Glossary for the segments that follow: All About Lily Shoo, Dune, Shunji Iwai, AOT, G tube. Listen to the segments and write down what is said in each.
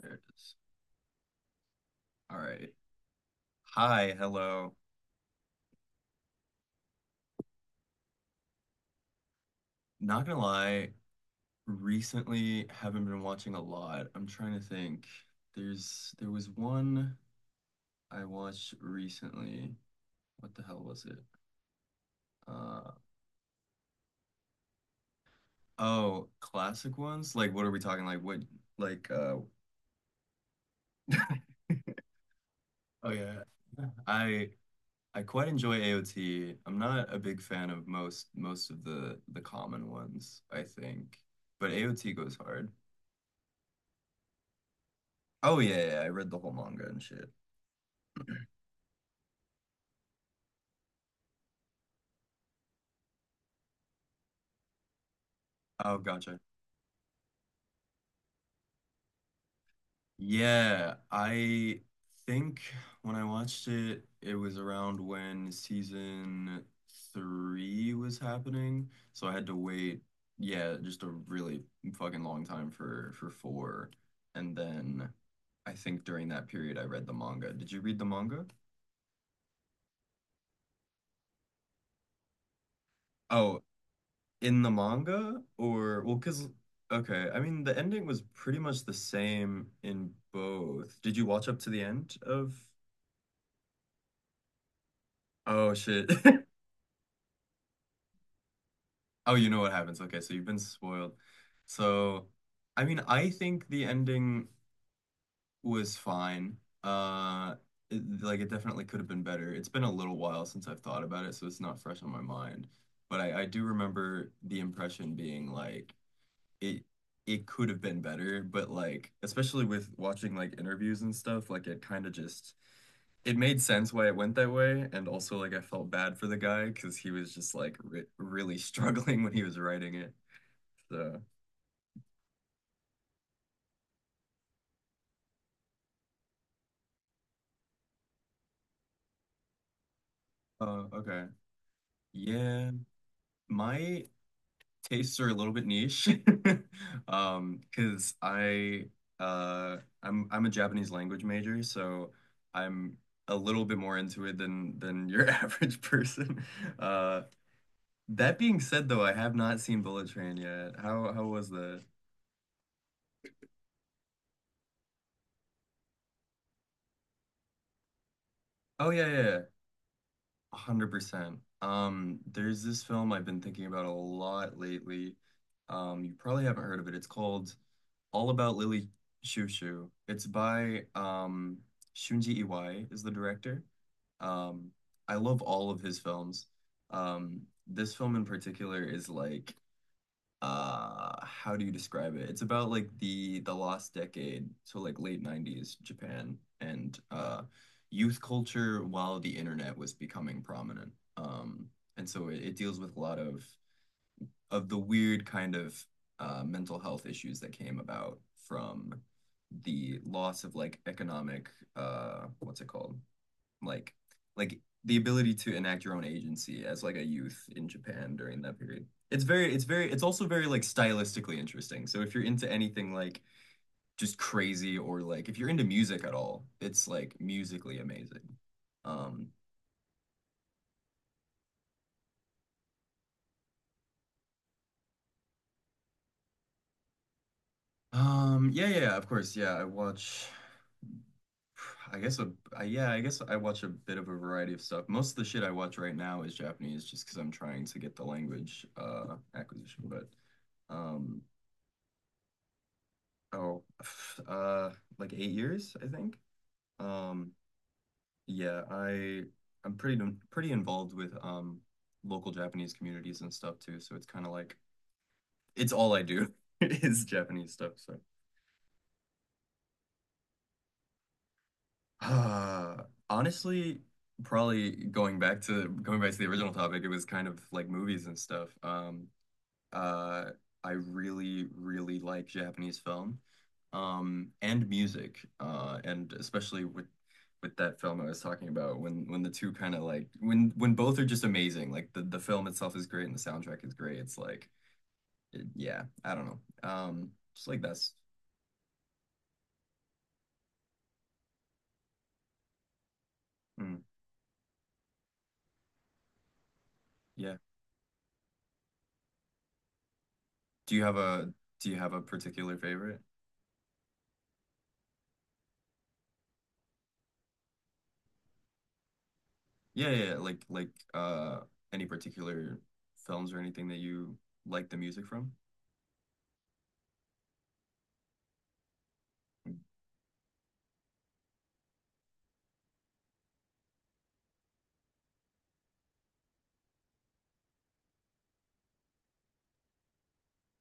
There it is. All right. Hi, hello. Not gonna lie, recently haven't been watching a lot. I'm trying to think. There was one I watched recently. What the hell was it? Uh oh, Classic ones? Like what are we talking? Like Oh yeah. I I quite enjoy AOT. I'm not a big fan of most of the common ones, I think. But AOT goes hard. Oh yeah, yeah, yeah. I read the whole manga and shit. Oh, gotcha. Yeah, I think when I watched it, it was around when season three was happening, so I had to wait, yeah, just a really fucking long time for four, and then I think during that period I read the manga. Did you read the manga? Oh, in the manga or well, I mean the ending was pretty much the same in both. Did you watch up to the end of? Oh shit. Oh, you know what happens. Okay, so you've been spoiled. So, I mean, I think the ending was fine. Uh, it definitely could have been better. It's been a little while since I've thought about it, so it's not fresh on my mind. But I do remember the impression being like it it could have been better, but like especially with watching like interviews and stuff, like it kind of just it made sense why it went that way, and also like I felt bad for the guy because he was just like re really struggling when he was writing it. So oh, okay. Yeah, my tastes are a little bit niche. Because I I'm a Japanese language major, so I'm a little bit more into it than your average person. Uh that being said though, I have not seen Bullet Train yet. How was that? Oh yeah, yeah, yeah. 100%. There's this film I've been thinking about a lot lately. You probably haven't heard of it. It's called All About Lily Shoo. It's by Shunji Iwai is the director. Um, I love all of his films. Um, this film in particular is like how do you describe it? It's about like the last decade, so like late 90s Japan and youth culture while the internet was becoming prominent. And so it deals with a lot of the weird kind of mental health issues that came about from the loss of like economic, what's it called? like like the ability to enact your own agency as like a youth in Japan during that period. It's also very like stylistically interesting. So if you're into anything like just crazy, or like if you're into music at all, it's like musically amazing. Um yeah, yeah, of course, yeah, I watch, I guess a I guess I watch a bit of a variety of stuff. Most of the shit I watch right now is Japanese just because I'm trying to get the language acquisition. But um Oh, uh, like 8 years, I think. Um, yeah, I'm pretty involved with local Japanese communities and stuff too. So it's kind of like it's all I do is Japanese stuff. So uh, honestly, probably going back to the original topic, it was kind of like movies and stuff. Uh, I really, really like Japanese film, and music, and especially with that film I was talking about, when the two kind of like, when both are just amazing, like the film itself is great and the soundtrack is great. It's like, yeah, I don't know, just like that's, mm, yeah. Do you have a do you have a particular favorite? Yeah, yeah, yeah, like any particular films or anything that you like the music from? Mm.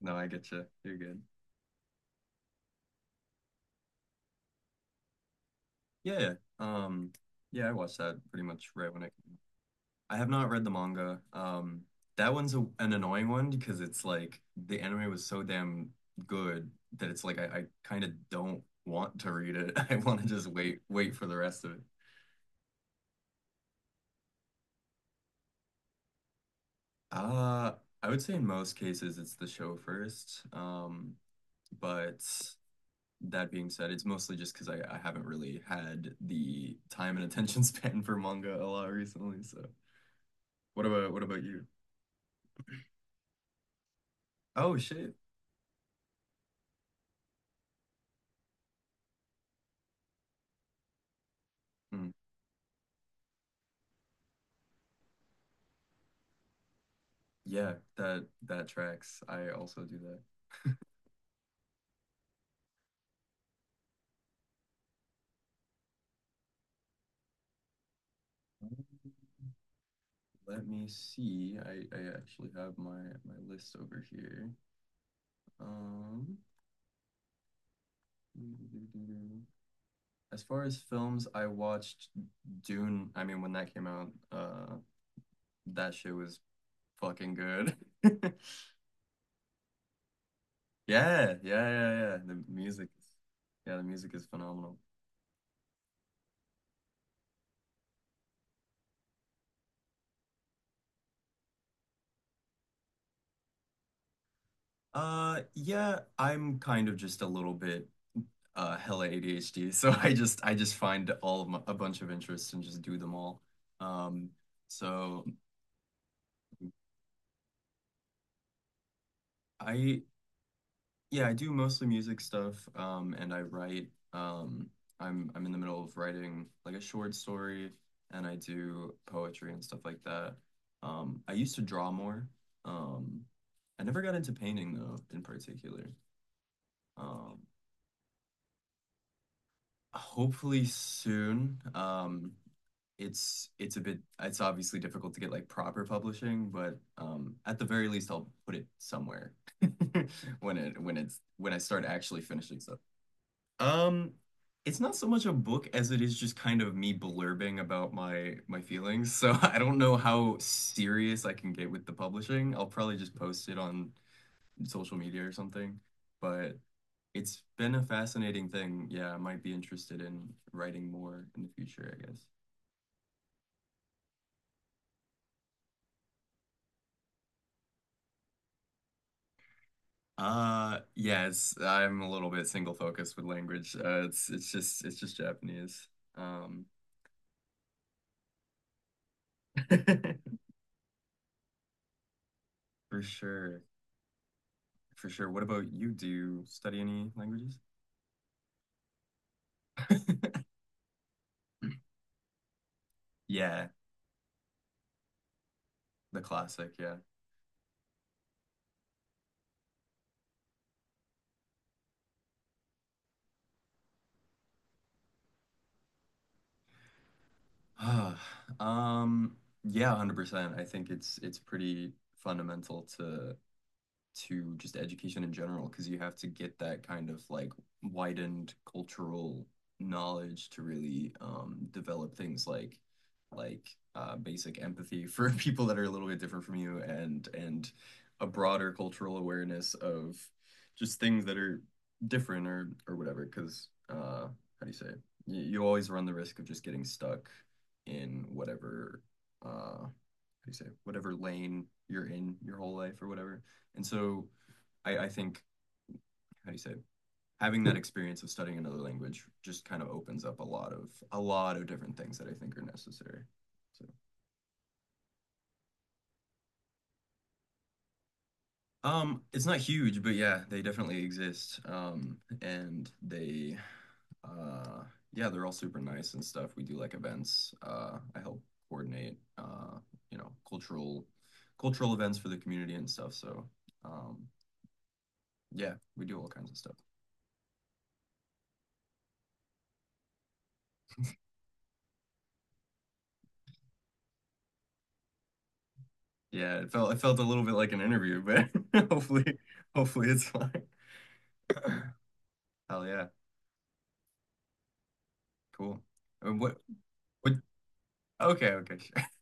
No, I get you. You're good. Yeah, yeah, I watched that pretty much right when it. I have not read the manga. That one's a, an annoying one because it's like the anime was so damn good that it's like I kind of don't want to read it. I want to just wait for the rest of it. Uh, I would say in most cases it's the show first. But that being said, it's mostly just because I haven't really had the time and attention span for manga a lot recently. So, what about you? Oh shit. Mm. Yeah, that that tracks. I also do that. Um, Let me see. I actually have my list over here. Um, as far as films, I watched Dune. I mean, when that came out, that shit was fucking good. Yeah, yeah, yeah, yeah. The music, yeah, the music is phenomenal. Yeah, I'm kind of just a little bit hella ADHD. So I just find all of my, a bunch of interests and just do them all. Um so I Yeah, I do mostly music stuff, and I write, um I'm in the middle of writing like a short story, and I do poetry and stuff like that. I used to draw more. Um I never got into painting though in particular. Um Hopefully soon. It's a bit it's obviously difficult to get like proper publishing, but at the very least I'll put it somewhere when it when it's when I start actually finishing stuff. Um it's not so much a book as it is just kind of me blurbing about my feelings. So I don't know how serious I can get with the publishing. I'll probably just post it on social media or something. But it's been a fascinating thing. Yeah, I might be interested in writing more in the future, I guess. Yeah, it's I'm a little bit single focused with language. It's just Japanese. Um for sure. For sure. What about you? Do you study any languages? Yeah, the classic, yeah. Ah, Um yeah, 100%. I think it's pretty fundamental to just education in general, because you have to get that kind of like widened cultural knowledge to really, develop things like like basic empathy for people that are a little bit different from you, and a broader cultural awareness of just things that are different or whatever, because how do you say it? You always run the risk of just getting stuck in whatever, uh how do you say whatever lane you're in your whole life or whatever. And so I think, how do you say, having that experience of studying another language just kind of opens up a lot of different things that I think are necessary. So it's not huge, but yeah, they definitely exist. And they uh yeah, they're all super nice and stuff. We do like events. Uh, I help coordinate, you know, cultural events for the community and stuff. So um yeah, we do all kinds of stuff. Yeah, it felt a little bit like an interview, but hopefully hopefully it's fine. Hell yeah, cool. Uh, What what Okay, okay, sure.